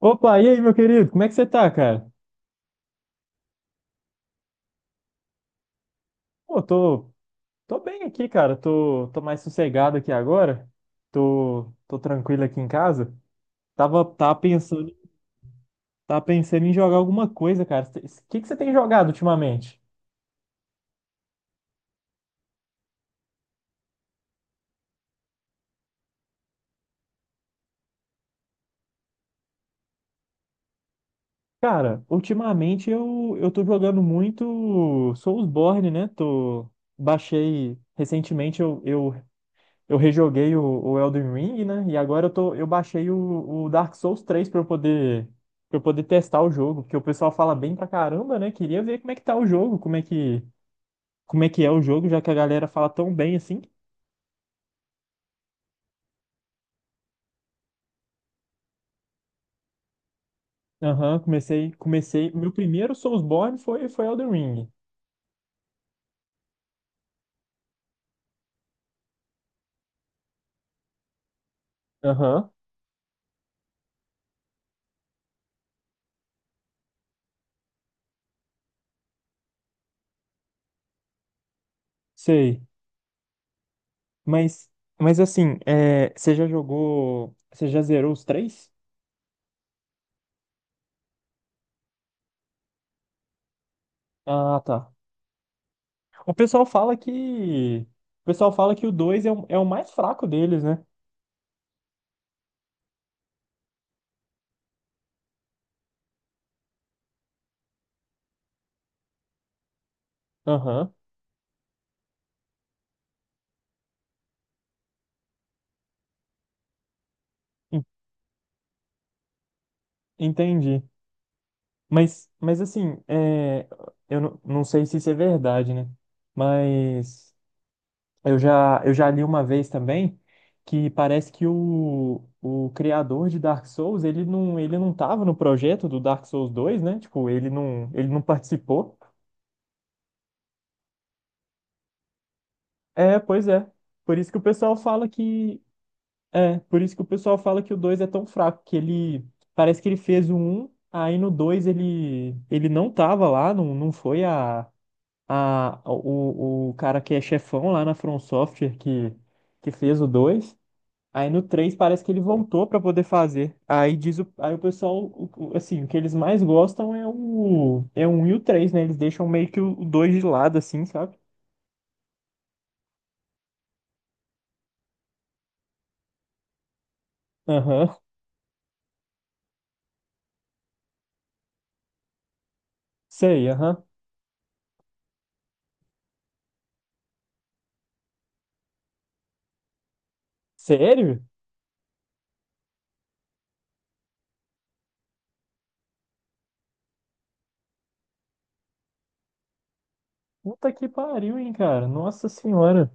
Opa, e aí, meu querido? Como é que você tá, cara? Pô, tô bem aqui, cara. Tô mais sossegado aqui agora. Tô tranquilo aqui em casa. Tava, tava pensando, tava pensando em jogar alguma coisa, cara. O que que você tem jogado ultimamente? Cara, ultimamente eu tô jogando muito Soulsborne, né? Baixei recentemente, eu rejoguei o Elden Ring, né? E agora eu baixei o Dark Souls três pra eu poder, para eu poder testar o jogo, porque o pessoal fala bem pra caramba, né? Queria ver como é que tá o jogo, como é que é o jogo, já que a galera fala tão bem assim. Aham, comecei, comecei. Meu primeiro Soulsborne foi Elden Ring. Aham, sei. Mas, mas assim, você já zerou os três? Ah, tá. O pessoal fala que, o pessoal fala que o 2 é o mais fraco deles, né? Aham, en- entendi. Mas assim, eu não sei se isso é verdade, né? Mas eu já li uma vez também que parece que o criador de Dark Souls, ele não tava no projeto do Dark Souls dois, né? Tipo, ele não participou. É, pois é. Por isso que o pessoal fala que, É, por isso que o pessoal fala que o 2 é tão fraco, que ele parece que ele fez o um, aí no 2 ele não tava lá, não, não foi a o cara que é chefão lá na From Software que fez o dois. Aí no três parece que ele voltou pra poder fazer. Aí o pessoal, assim, o que eles mais gostam é o 1 e o três, né? Eles deixam meio que o dois de lado assim, sabe? Aham. Sei, aham. Sério? Puta que pariu, hein, cara? Nossa senhora.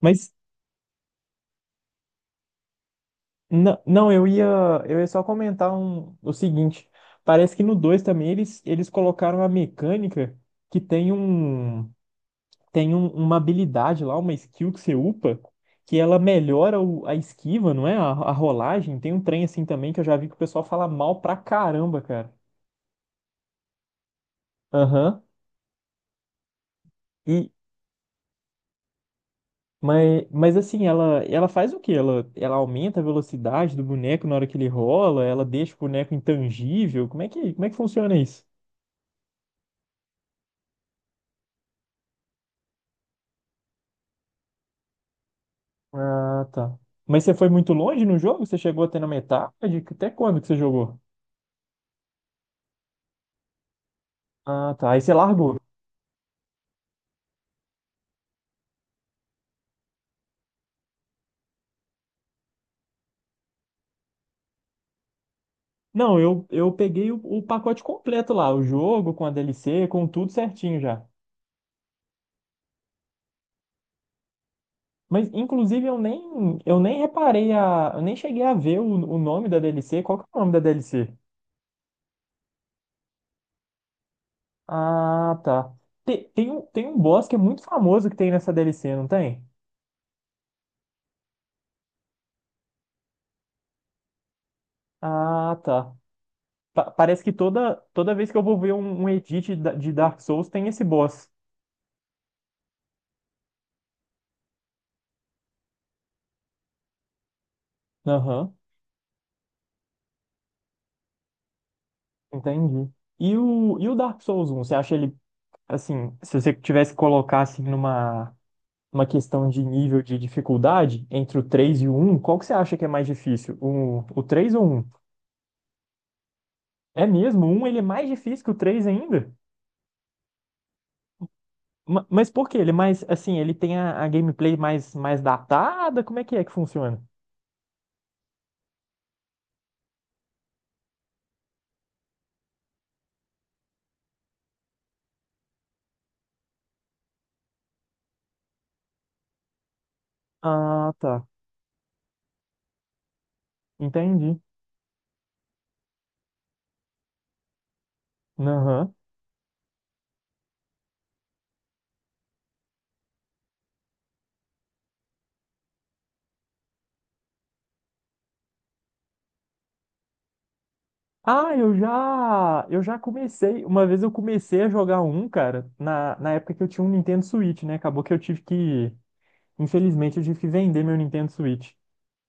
Mas não, não, eu ia só comentar o seguinte. Parece que no 2 também eles colocaram a mecânica que uma habilidade lá, uma skill que você upa, que ela melhora a esquiva, não é? A rolagem. Tem um trem assim também que eu já vi que o pessoal fala mal pra caramba, cara. Aham. E mas assim, ela faz o quê? Ela aumenta a velocidade do boneco na hora que ele rola, ela deixa o boneco intangível. Como é que funciona isso? Ah, tá. Mas você foi muito longe no jogo? Você chegou até na metade? Até quando que você jogou? Ah, tá. Aí você largou. Não, eu peguei o pacote completo lá, o jogo com a DLC, com tudo certinho já. Mas, inclusive, eu nem reparei a. Eu nem cheguei a ver o nome da DLC. Qual que é o nome da DLC? Ah, tá. Tem um boss que é muito famoso que tem nessa DLC, não tem? Ah, tá. Parece que toda vez que eu vou ver um edit de Dark Souls tem esse boss. Aham. Entendi. E o Dark Souls um você acha ele, assim, se você tivesse que colocar, assim, numa questão de nível de dificuldade, entre o 3 e o 1, qual que você acha que é mais difícil? O 3 ou o 1? É mesmo? O 1 ele é mais difícil que o 3 ainda? Mas por quê? Ele é mais, assim, ele tem a gameplay mais datada? Como é que funciona? Ah, tá. Entendi. Aham. Ah, eu já comecei. Uma vez eu comecei a jogar um, cara, na época que eu tinha um Nintendo Switch, né? Acabou que infelizmente, eu tive que vender meu Nintendo Switch.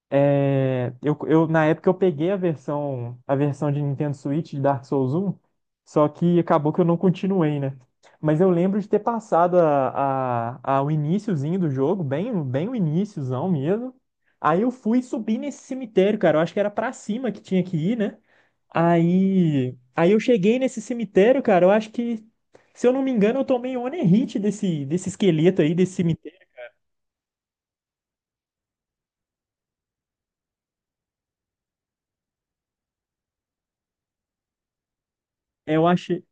É, na época eu peguei a versão de Nintendo Switch de Dark Souls um, só que acabou que eu não continuei, né? Mas eu lembro de ter passado o iniciozinho do jogo, bem o iniciozão mesmo. Aí eu fui subir nesse cemitério, cara. Eu acho que era pra cima que tinha que ir, né? Aí eu cheguei nesse cemitério, cara. Eu acho que, se eu não me engano, eu tomei um onerite desse, desse esqueleto aí, desse cemitério. É, Eu achei,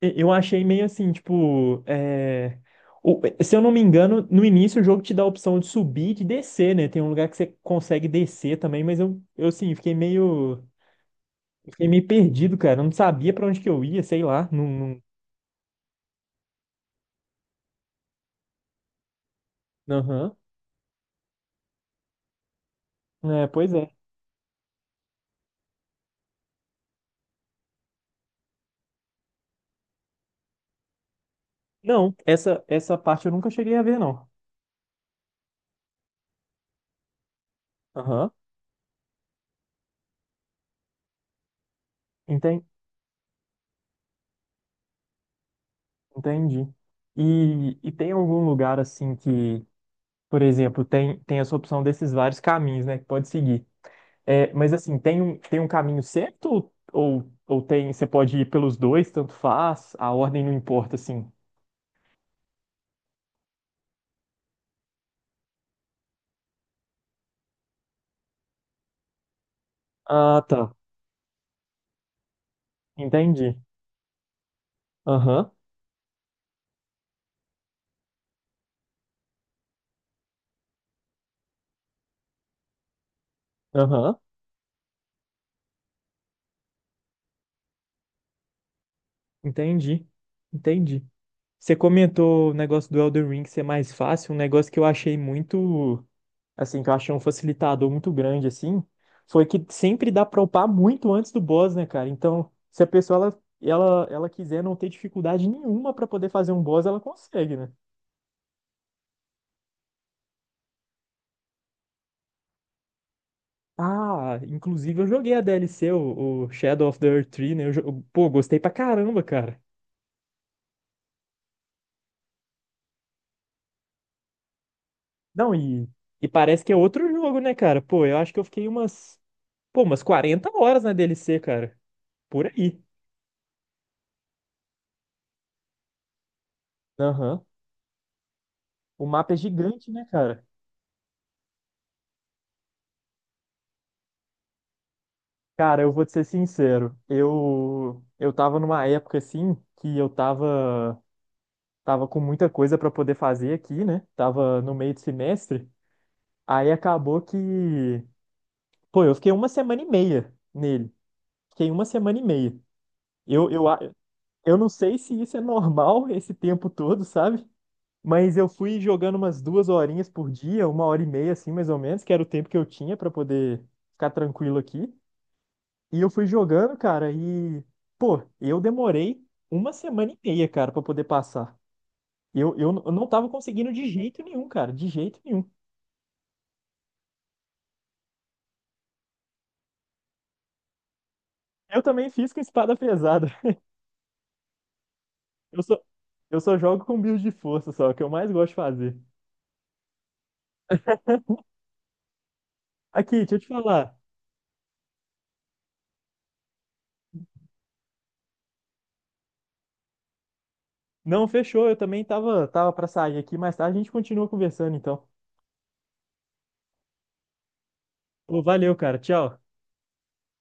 eu achei meio assim, tipo, se eu não me engano, no início o jogo te dá a opção de subir e de descer, né? Tem um lugar que você consegue descer também, mas eu assim, fiquei meio perdido, cara. Eu não sabia pra onde que eu ia, sei lá. Não, não. Aham. É, pois é. Não, essa parte eu nunca cheguei a ver, não. Aham. Entendi. Entendi. E tem algum lugar assim que, por exemplo, tem essa opção desses vários caminhos, né, que pode seguir. É, mas assim, tem um caminho certo ou você pode ir pelos dois, tanto faz, a ordem não importa, assim. Ah, tá. Entendi. Aham, aham. Entendi. Entendi. Você comentou o negócio do Elden Ring ser mais fácil, um negócio que eu achei muito, assim, que eu achei um facilitador muito grande, assim, foi que sempre dá pra upar muito antes do boss, né, cara? Então, se a pessoa, ela quiser não ter dificuldade nenhuma pra poder fazer um boss, ela consegue, né? Ah, inclusive eu joguei a DLC, o Shadow of the Earth 3, né? Pô, gostei pra caramba, cara. Não, e parece que é outro jogo, né, cara? Pô, eu acho que eu fiquei umas 40 horas na DLC, cara. Por aí. Aham. O mapa é gigante, né, cara? Cara, eu vou te ser sincero. Eu tava numa época assim que eu tava com muita coisa pra poder fazer aqui, né? Tava no meio do semestre. Aí acabou que, pô, eu fiquei 1 semana e meia nele. Fiquei 1 semana e meia. Eu eu a- eu não sei se isso é normal esse tempo todo, sabe? Mas eu fui jogando umas 2 horinhas por dia, 1 hora e meia assim, mais ou menos, que era o tempo que eu tinha pra poder ficar tranquilo aqui. E eu fui jogando, cara, e, pô, eu demorei 1 semana e meia, cara, pra poder passar. Eu não tava conseguindo de jeito nenhum, cara, de jeito nenhum. Eu também fiz com espada pesada. Eu só, eu só jogo com build de força, só, que eu mais gosto de fazer. Aqui, deixa eu te falar. Não, fechou, eu também tava, tava pra sair aqui, mas tá, a gente continua conversando, então. Pô, valeu, cara, tchau.